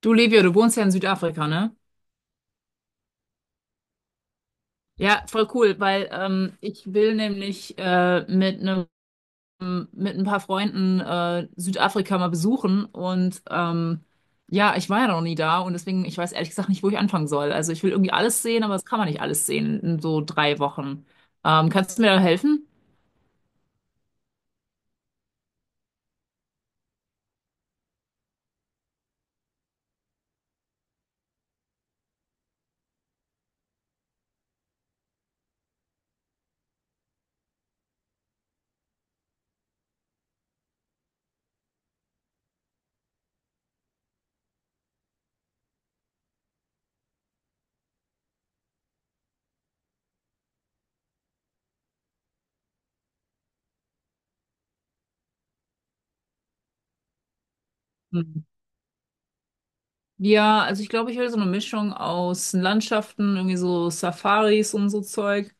Du, Livio, du wohnst ja in Südafrika, ne? Ja, voll cool, weil ich will nämlich mit ein paar Freunden Südafrika mal besuchen und ja, ich war ja noch nie da und deswegen, ich weiß ehrlich gesagt nicht, wo ich anfangen soll. Also ich will irgendwie alles sehen, aber das kann man nicht alles sehen in so 3 Wochen. Kannst du mir da helfen? Hm. Ja, also ich glaube, ich will so eine Mischung aus Landschaften, irgendwie so Safaris und so Zeug,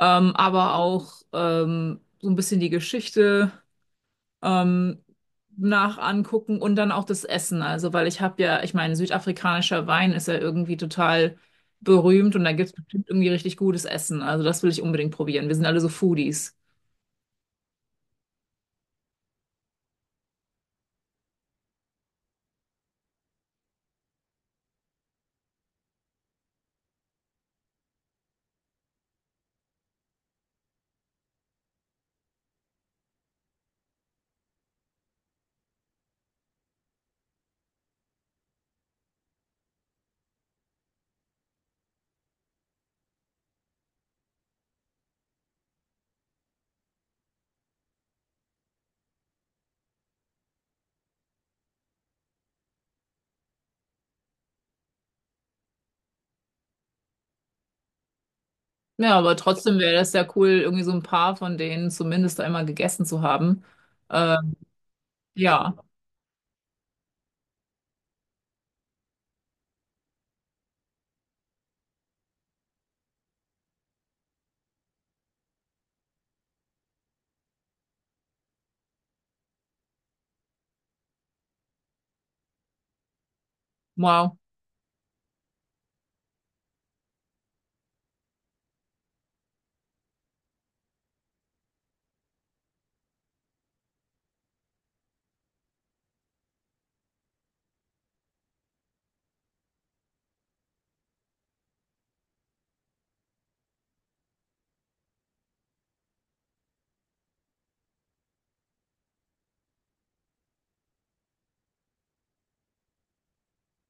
aber auch so ein bisschen die Geschichte, ähm, nach angucken und dann auch das Essen. Also, weil ich habe ja, ich meine, südafrikanischer Wein ist ja irgendwie total berühmt und da gibt es bestimmt irgendwie richtig gutes Essen. Also, das will ich unbedingt probieren. Wir sind alle so Foodies. Ja, aber trotzdem wäre das ja cool, irgendwie so ein paar von denen zumindest einmal gegessen zu haben. Ähm, ja, wow.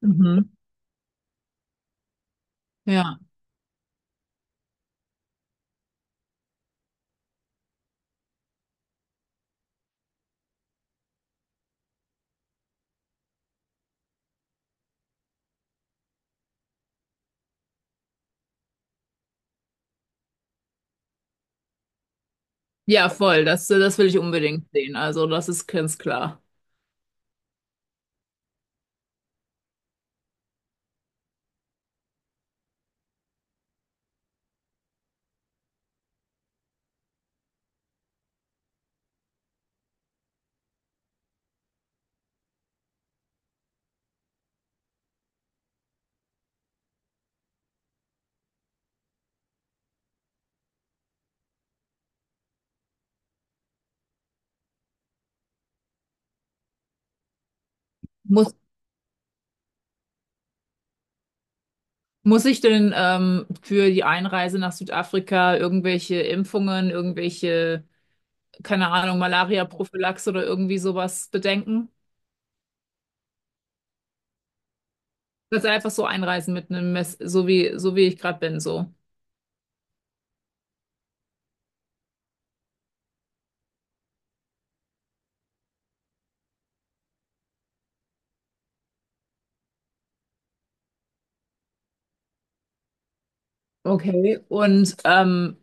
Mhm. Ja. Ja, voll. Das will ich unbedingt sehen. Also, das ist ganz klar. Muss Muss ich denn für die Einreise nach Südafrika irgendwelche Impfungen, irgendwelche, keine Ahnung, Malaria-Prophylaxe oder irgendwie sowas bedenken? Dass einfach so einreisen mit einem Mess, so wie ich gerade bin, so. Okay. Und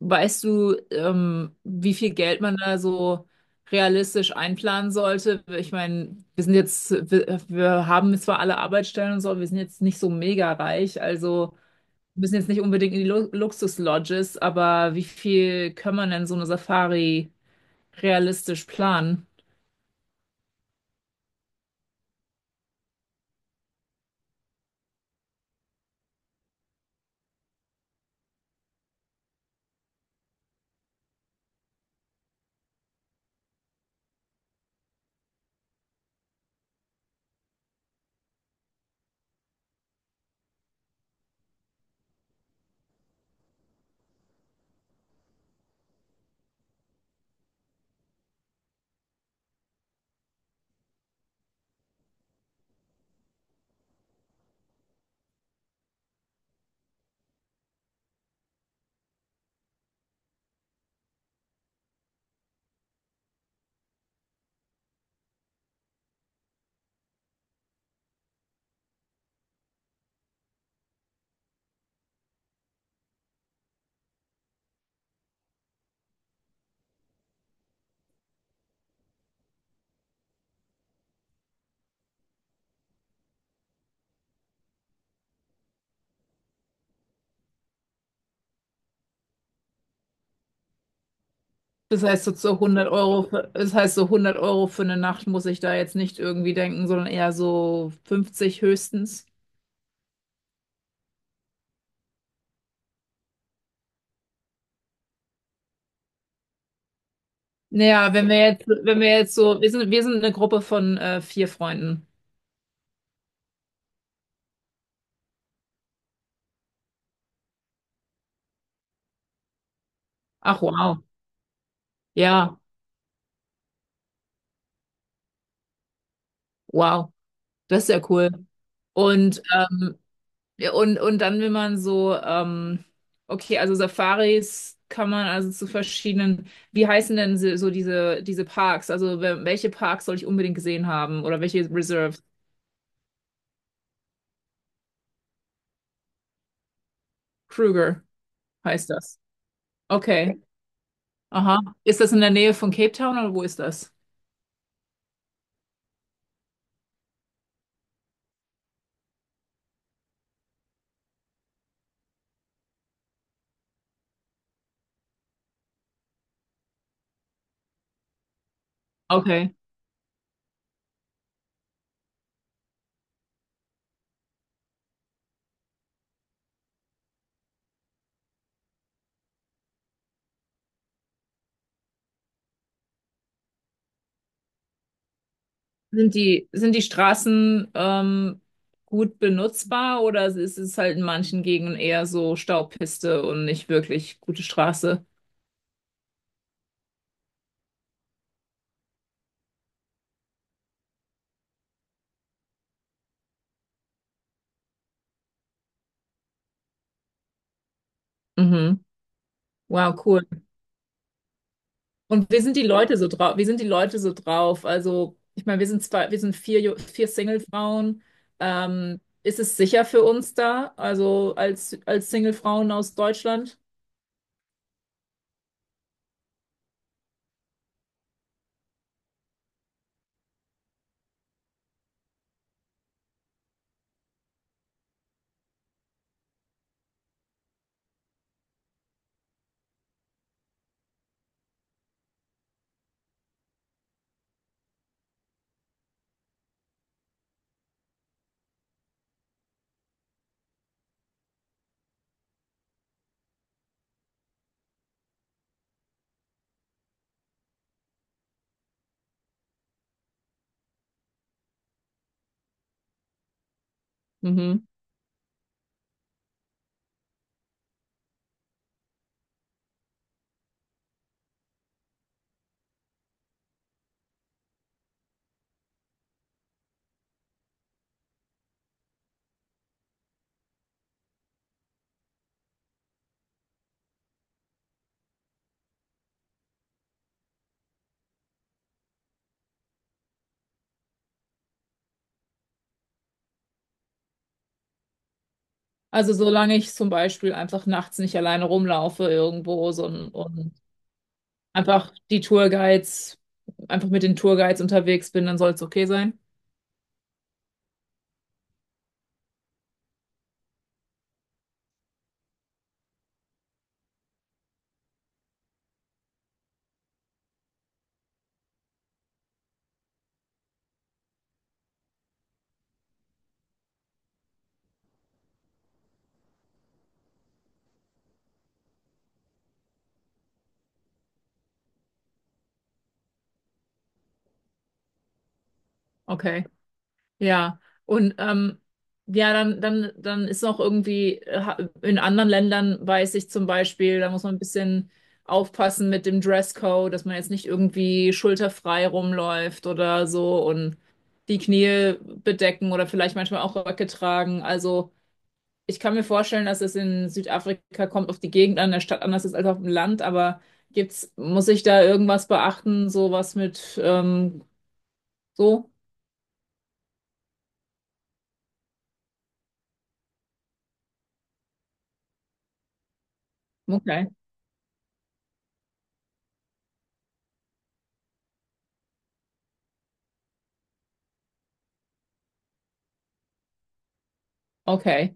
weißt du, wie viel Geld man da so realistisch einplanen sollte? Ich meine, wir sind jetzt, wir haben zwar alle Arbeitsstellen und so, aber wir sind jetzt nicht so mega reich, also. Wir müssen jetzt nicht unbedingt in die Lu Luxus-Lodges, aber wie viel kann man denn so eine Safari realistisch planen? Das heißt so zu 100 Euro, für, das heißt so 100 € für eine Nacht muss ich da jetzt nicht irgendwie denken, sondern eher so 50 höchstens. Naja, wenn wir jetzt so, wir sind eine Gruppe von vier Freunden. Ach wow, ja, wow, das ist ja cool. Und ja, und dann will man so, okay, also Safaris kann man also zu verschiedenen, wie heißen denn so diese, diese Parks? Also welche Parks soll ich unbedingt gesehen haben oder welche Reserves? Kruger heißt das. Okay, aha. Ist das in der Nähe von Cape Town oder wo ist das? Okay. Sind die Straßen gut benutzbar oder ist es halt in manchen Gegenden eher so Staubpiste und nicht wirklich gute Straße? Mhm. Wow, cool. Und wie sind die Leute so drauf? Also, ich meine, wir sind zwei, wir sind vier, vier Single-Frauen. Ist es sicher für uns da? Also als Single-Frauen aus Deutschland? Mhm. Also, solange ich zum Beispiel einfach nachts nicht alleine rumlaufe irgendwo so, und einfach die Tourguides, einfach mit den Tourguides unterwegs bin, dann soll es okay sein. Okay. Ja, und ja, dann ist noch irgendwie, in anderen Ländern weiß ich zum Beispiel, da muss man ein bisschen aufpassen mit dem Dresscode, dass man jetzt nicht irgendwie schulterfrei rumläuft oder so und die Knie bedecken oder vielleicht manchmal auch Röcke tragen. Also ich kann mir vorstellen, dass es in Südafrika kommt auf die Gegend an der Stadt anders ist als auf dem Land, aber gibt's, muss ich da irgendwas beachten, sowas mit so? Okay, okay.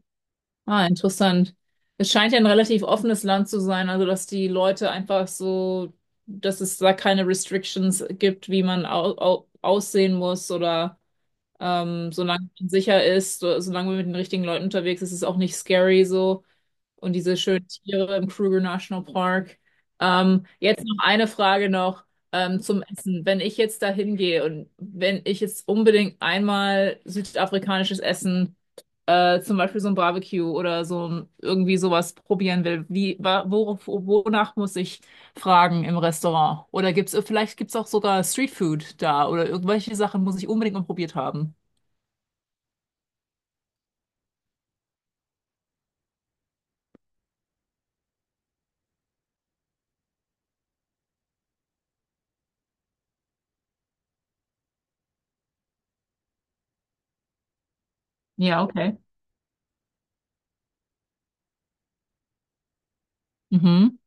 Ah, interessant. Es scheint ja ein relativ offenes Land zu sein, also dass die Leute einfach so, dass es da keine Restrictions gibt, wie man au au aussehen muss oder solange man sicher ist, solange man mit den richtigen Leuten unterwegs ist, ist es auch nicht scary so und diese schönen Tiere im Kruger National Park. Jetzt noch eine Frage noch zum Essen. Wenn ich jetzt da hingehe und wenn ich jetzt unbedingt einmal südafrikanisches Essen, zum Beispiel so ein Barbecue oder so ein, irgendwie sowas probieren will, wie, wa- wo, wo- wonach muss ich fragen im Restaurant? Oder gibt's, vielleicht gibt's auch sogar Streetfood da oder irgendwelche Sachen muss ich unbedingt mal probiert haben. Ja, okay. Mhm.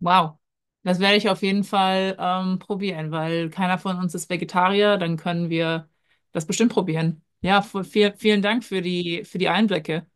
Wow. Das werde ich auf jeden Fall probieren, weil keiner von uns ist Vegetarier, dann können wir das bestimmt probieren. Ja, vielen Dank für die Einblicke.